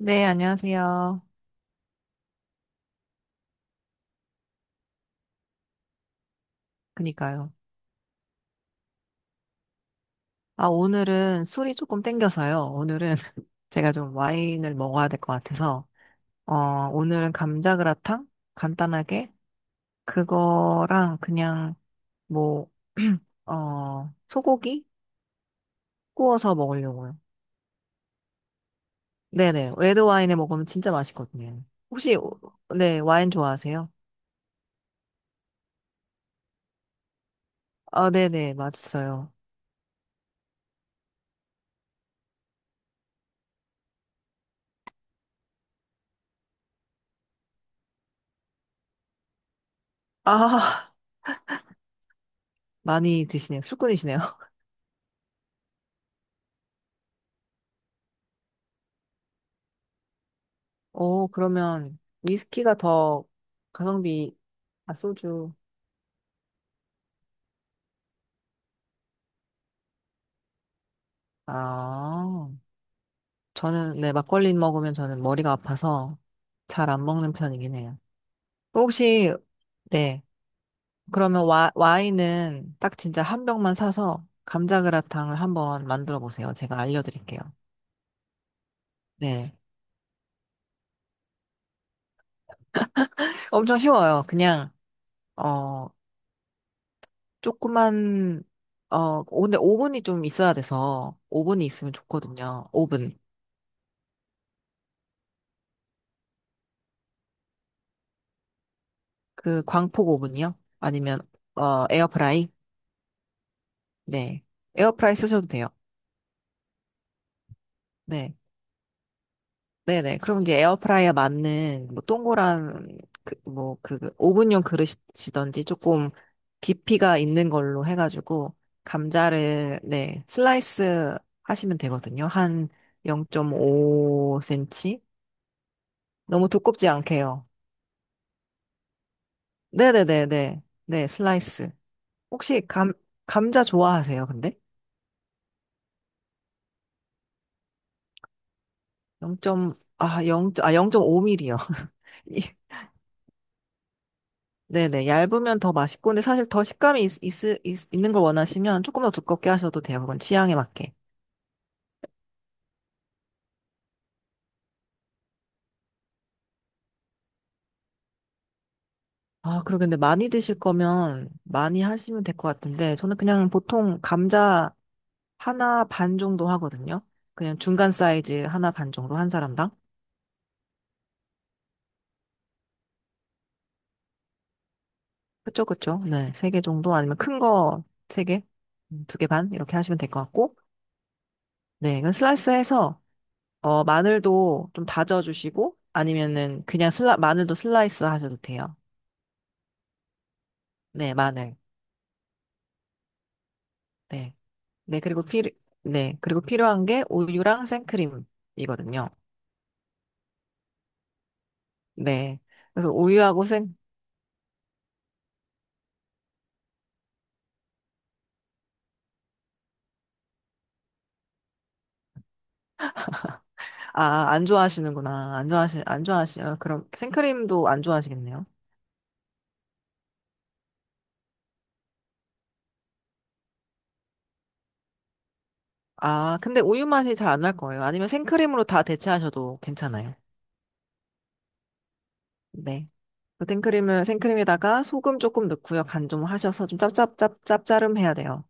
네, 안녕하세요. 그니까요. 아, 오늘은 술이 조금 땡겨서요. 오늘은 제가 좀 와인을 먹어야 될 것 같아서, 어, 오늘은 감자그라탕? 간단하게? 그거랑 그냥 뭐, 소고기? 구워서 먹으려고요. 네네. 레드 와인에 먹으면 진짜 맛있거든요. 혹시, 네, 와인 좋아하세요? 아, 네네. 맛있어요. 아, 많이 드시네요. 술꾼이시네요. 오, 그러면 위스키가 더 가성비, 아, 소주. 아, 저는, 네, 막걸리 먹으면 저는 머리가 아파서 잘 안 먹는 편이긴 해요. 어, 혹시, 네, 그러면 와인은 딱 진짜 한 병만 사서 감자그라탕을 한번 만들어 보세요. 제가 알려드릴게요. 네. 엄청 쉬워요. 그냥, 어, 조그만, 어, 근데 오븐이 좀 있어야 돼서, 오븐이 있으면 좋거든요. 오븐. 그 광폭 오븐이요? 아니면 어 에어프라이? 네. 에어프라이 쓰셔도 돼요. 네. 네네. 그럼 이제 에어프라이에 맞는 뭐 동그란 그뭐그 오븐용 그릇이든지 조금 깊이가 있는 걸로 해가지고 감자를 네 슬라이스 하시면 되거든요. 한 0.5cm 너무 두껍지 않게요. 네네네네. 네 슬라이스. 혹시 감 감자 좋아하세요? 근데 0. 아, 0, 아, 0.5mm요. 이- 네네, 얇으면 더 맛있고, 근데 사실 더 식감이 있는 걸 원하시면 조금 더 두껍게 하셔도 돼요. 그건 취향에 맞게. 아, 그러겠데 많이 드실 거면 많이 하시면 될 것 같은데, 저는 그냥 보통 감자 하나 반 정도 하거든요. 그냥 중간 사이즈 하나 반 정도 한 사람당. 그쵸, 그쵸. 네, 세 개 정도 아니면 큰 거 세 개, 두개 반 이렇게 하시면 될 것 같고, 네, 이건 슬라이스해서 어, 마늘도 좀 다져주시고, 아니면은 그냥 마늘도 슬라이스 하셔도 돼요. 네, 마늘. 네. 네, 그리고 필요, 네, 그리고 필요한 게 우유랑 생크림이거든요. 네. 그래서 아, 안 좋아하시는구나. 안 좋아하시, 안 좋아하시, 아, 그럼 생크림도 안 좋아하시겠네요. 아, 근데 우유 맛이 잘 안 날 거예요. 아니면 생크림으로 다 대체하셔도 괜찮아요. 네. 그 생크림에다가 소금 조금 넣고요. 간 좀 하셔서 좀 짭짜름 해야 돼요.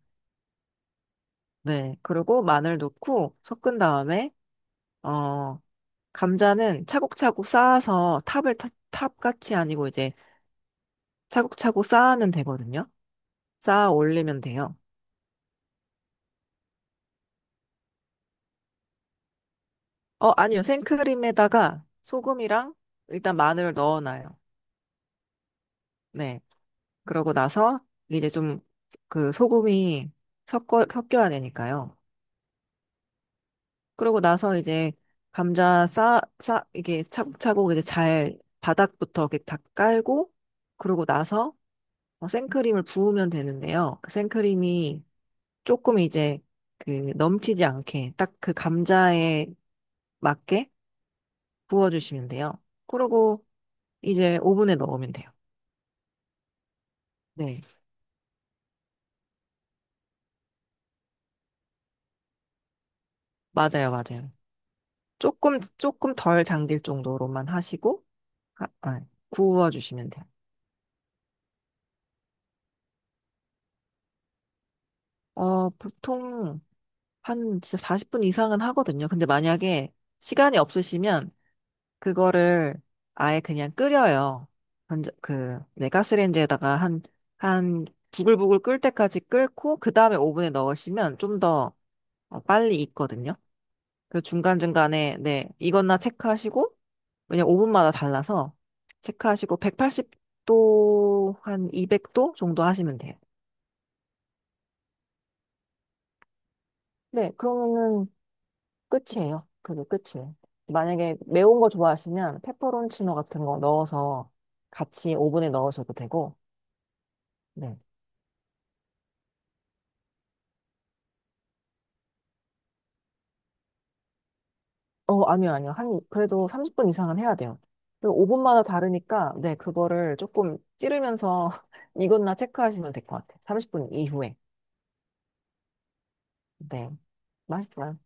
네. 그리고 마늘 넣고 섞은 다음에, 어, 감자는 차곡차곡 쌓아서 탑같이 아니고 이제 차곡차곡 쌓으면 되거든요. 쌓아 올리면 돼요. 어, 아니요. 생크림에다가 소금이랑 일단 마늘을 넣어놔요. 네. 그러고 나서 이제 좀 그 소금이 섞여야 되니까요. 그러고 나서 이제 이게 차곡차곡 이제 잘 바닥부터 이렇게 다 깔고 그러고 나서 어, 생크림을 부으면 되는데요. 그 생크림이 조금 이제 그 넘치지 않게 딱 그 감자에 맞게 부어주시면 돼요. 그러고 이제 오븐에 넣으면 돼요. 네, 맞아요, 맞아요. 조금 조금 덜 잠길 정도로만 하시고 아, 구워주시면 돼요. 어, 보통 한 진짜 40분 이상은 하거든요. 근데 만약에 시간이 없으시면 그거를 아예 그냥 끓여요. 네, 가스레인지에다가 한, 부글부글 끓을 때까지 끓고, 그 다음에 오븐에 넣으시면 좀더 어, 빨리 익거든요. 그래서 중간중간에, 네, 이거나 체크하시고, 왜냐면 오븐마다 달라서, 체크하시고, 180도, 한 200도 정도 하시면 돼요. 네, 그러면은 끝이에요. 그게 끝이에요. 만약에 매운 거 좋아하시면 페퍼론치노 같은 거 넣어서 같이 오븐에 넣으셔도 되고, 네. 어, 아니요. 한, 그래도 30분 이상은 해야 돼요. 그 5분마다 다르니까, 네, 그거를 조금 찌르면서 익었나 체크하시면 될 것 같아요. 30분 이후에. 네. 맛있어요.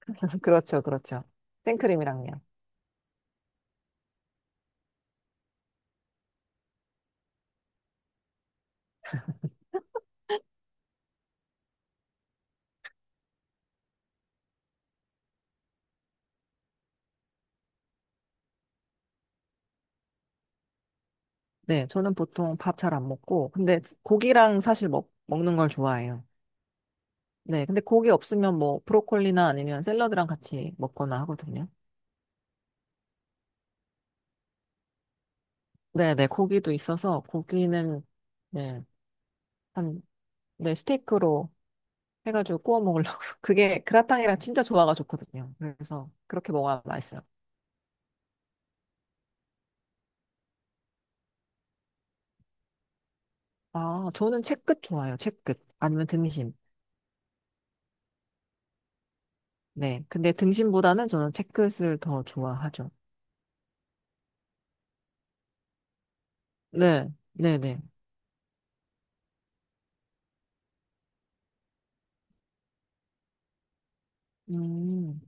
그렇죠, 그렇죠. 생크림이랑요. 네, 저는 보통 밥 잘 안 먹고, 근데 고기랑 사실 먹는 걸 좋아해요. 네, 근데 고기 없으면 뭐 브로콜리나 아니면 샐러드랑 같이 먹거나 하거든요. 네, 네, 고기도 있어서 고기는 네, 한, 네, 스테이크로 해가지고 구워 먹으려고. 그게 그라탕이랑 진짜 조화가 좋거든요. 그래서 그렇게 먹어야 맛있어요. 아, 저는 채끝 좋아요. 채끝. 아니면 등심. 네. 근데 등심보다는 저는 채끝을 더 좋아하죠. 네. 네네. 음.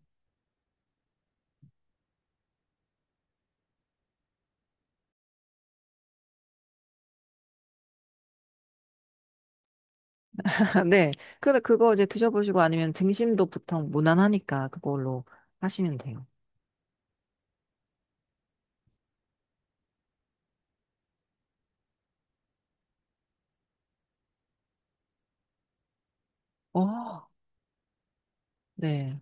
네. 근데 그거 이제 드셔보시고 아니면 등심도 보통 무난하니까 그걸로 하시면 돼요. 어. 네.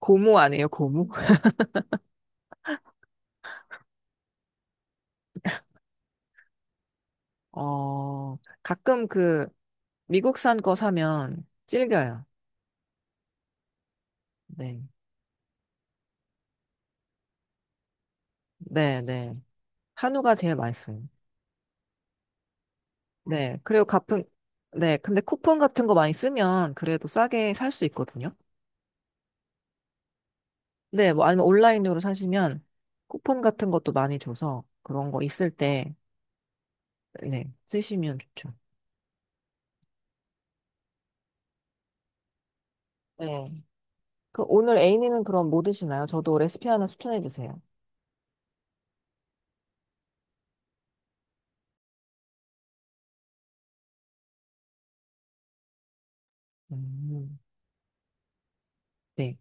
고무 아니에요, 고무? 어, 가끔 그 미국산 거 사면 질겨요. 네. 네, 네. 한우가 제일 맛있어요. 네. 그리고 가끔, 네. 근데 쿠폰 같은 거 많이 쓰면 그래도 싸게 살 수 있거든요. 네. 뭐 아니면 온라인으로 사시면 쿠폰 같은 것도 많이 줘서 그런 거 있을 때, 네. 쓰시면 좋죠. 네. 그 오늘 A님은 그럼 뭐 드시나요? 저도 레시피 하나 추천해 주세요. 음. 네.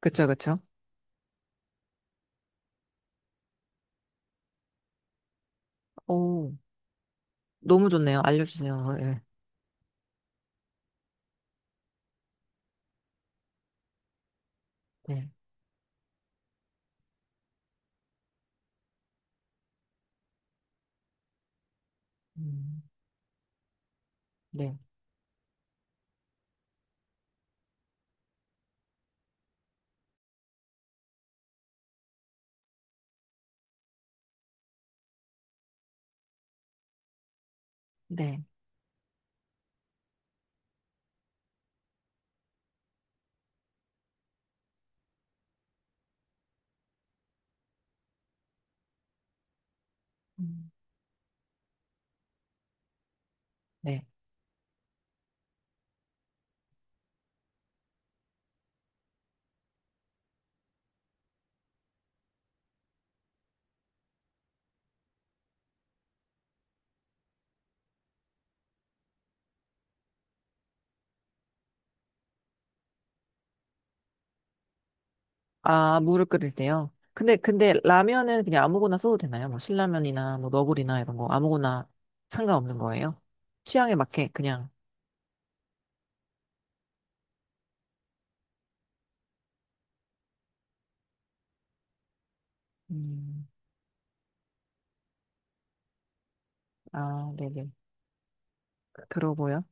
그쵸, 그쵸. 오, 너무 좋네요. 알려주세요. 네. 네. 음, 네. 네. 음, 네. 아, 물을 끓일 때요. 근데 라면은 그냥 아무거나 써도 되나요? 뭐 신라면이나 뭐 너구리나 이런 거 아무거나 상관없는 거예요? 취향에 맞게 그냥. 음, 아, 네네. 그러고요.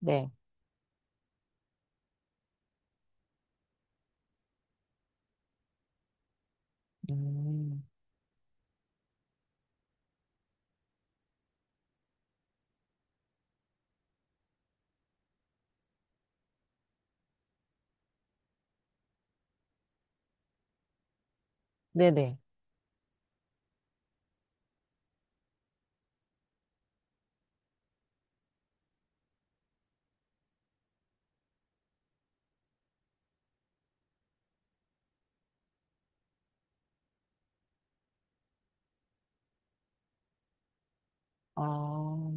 네. 음, 네네. 어,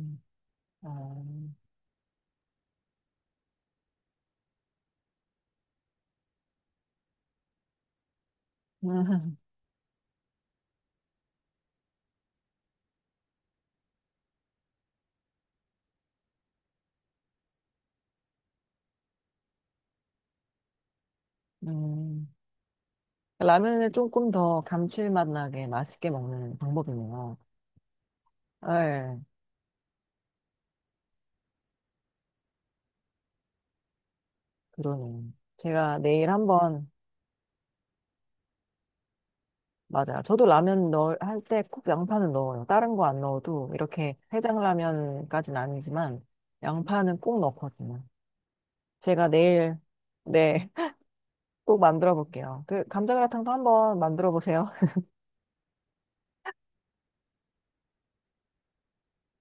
어, 음, 음. 라면을 조금 더 감칠맛 나게 맛있게 먹는 방법이네요. 네, 그러네요. 제가 내일 한번 맞아요. 저도 라면 넣을 할 때 꼭 양파는 넣어요. 다른 거 안 넣어도 이렇게 해장라면까지는 아니지만 양파는 꼭 넣거든요. 제가 내일 네, 꼭 만들어 볼게요. 그 감자그라탕도 한번 만들어 보세요.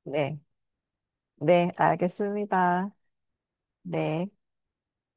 네. 네, 알겠습니다. 네.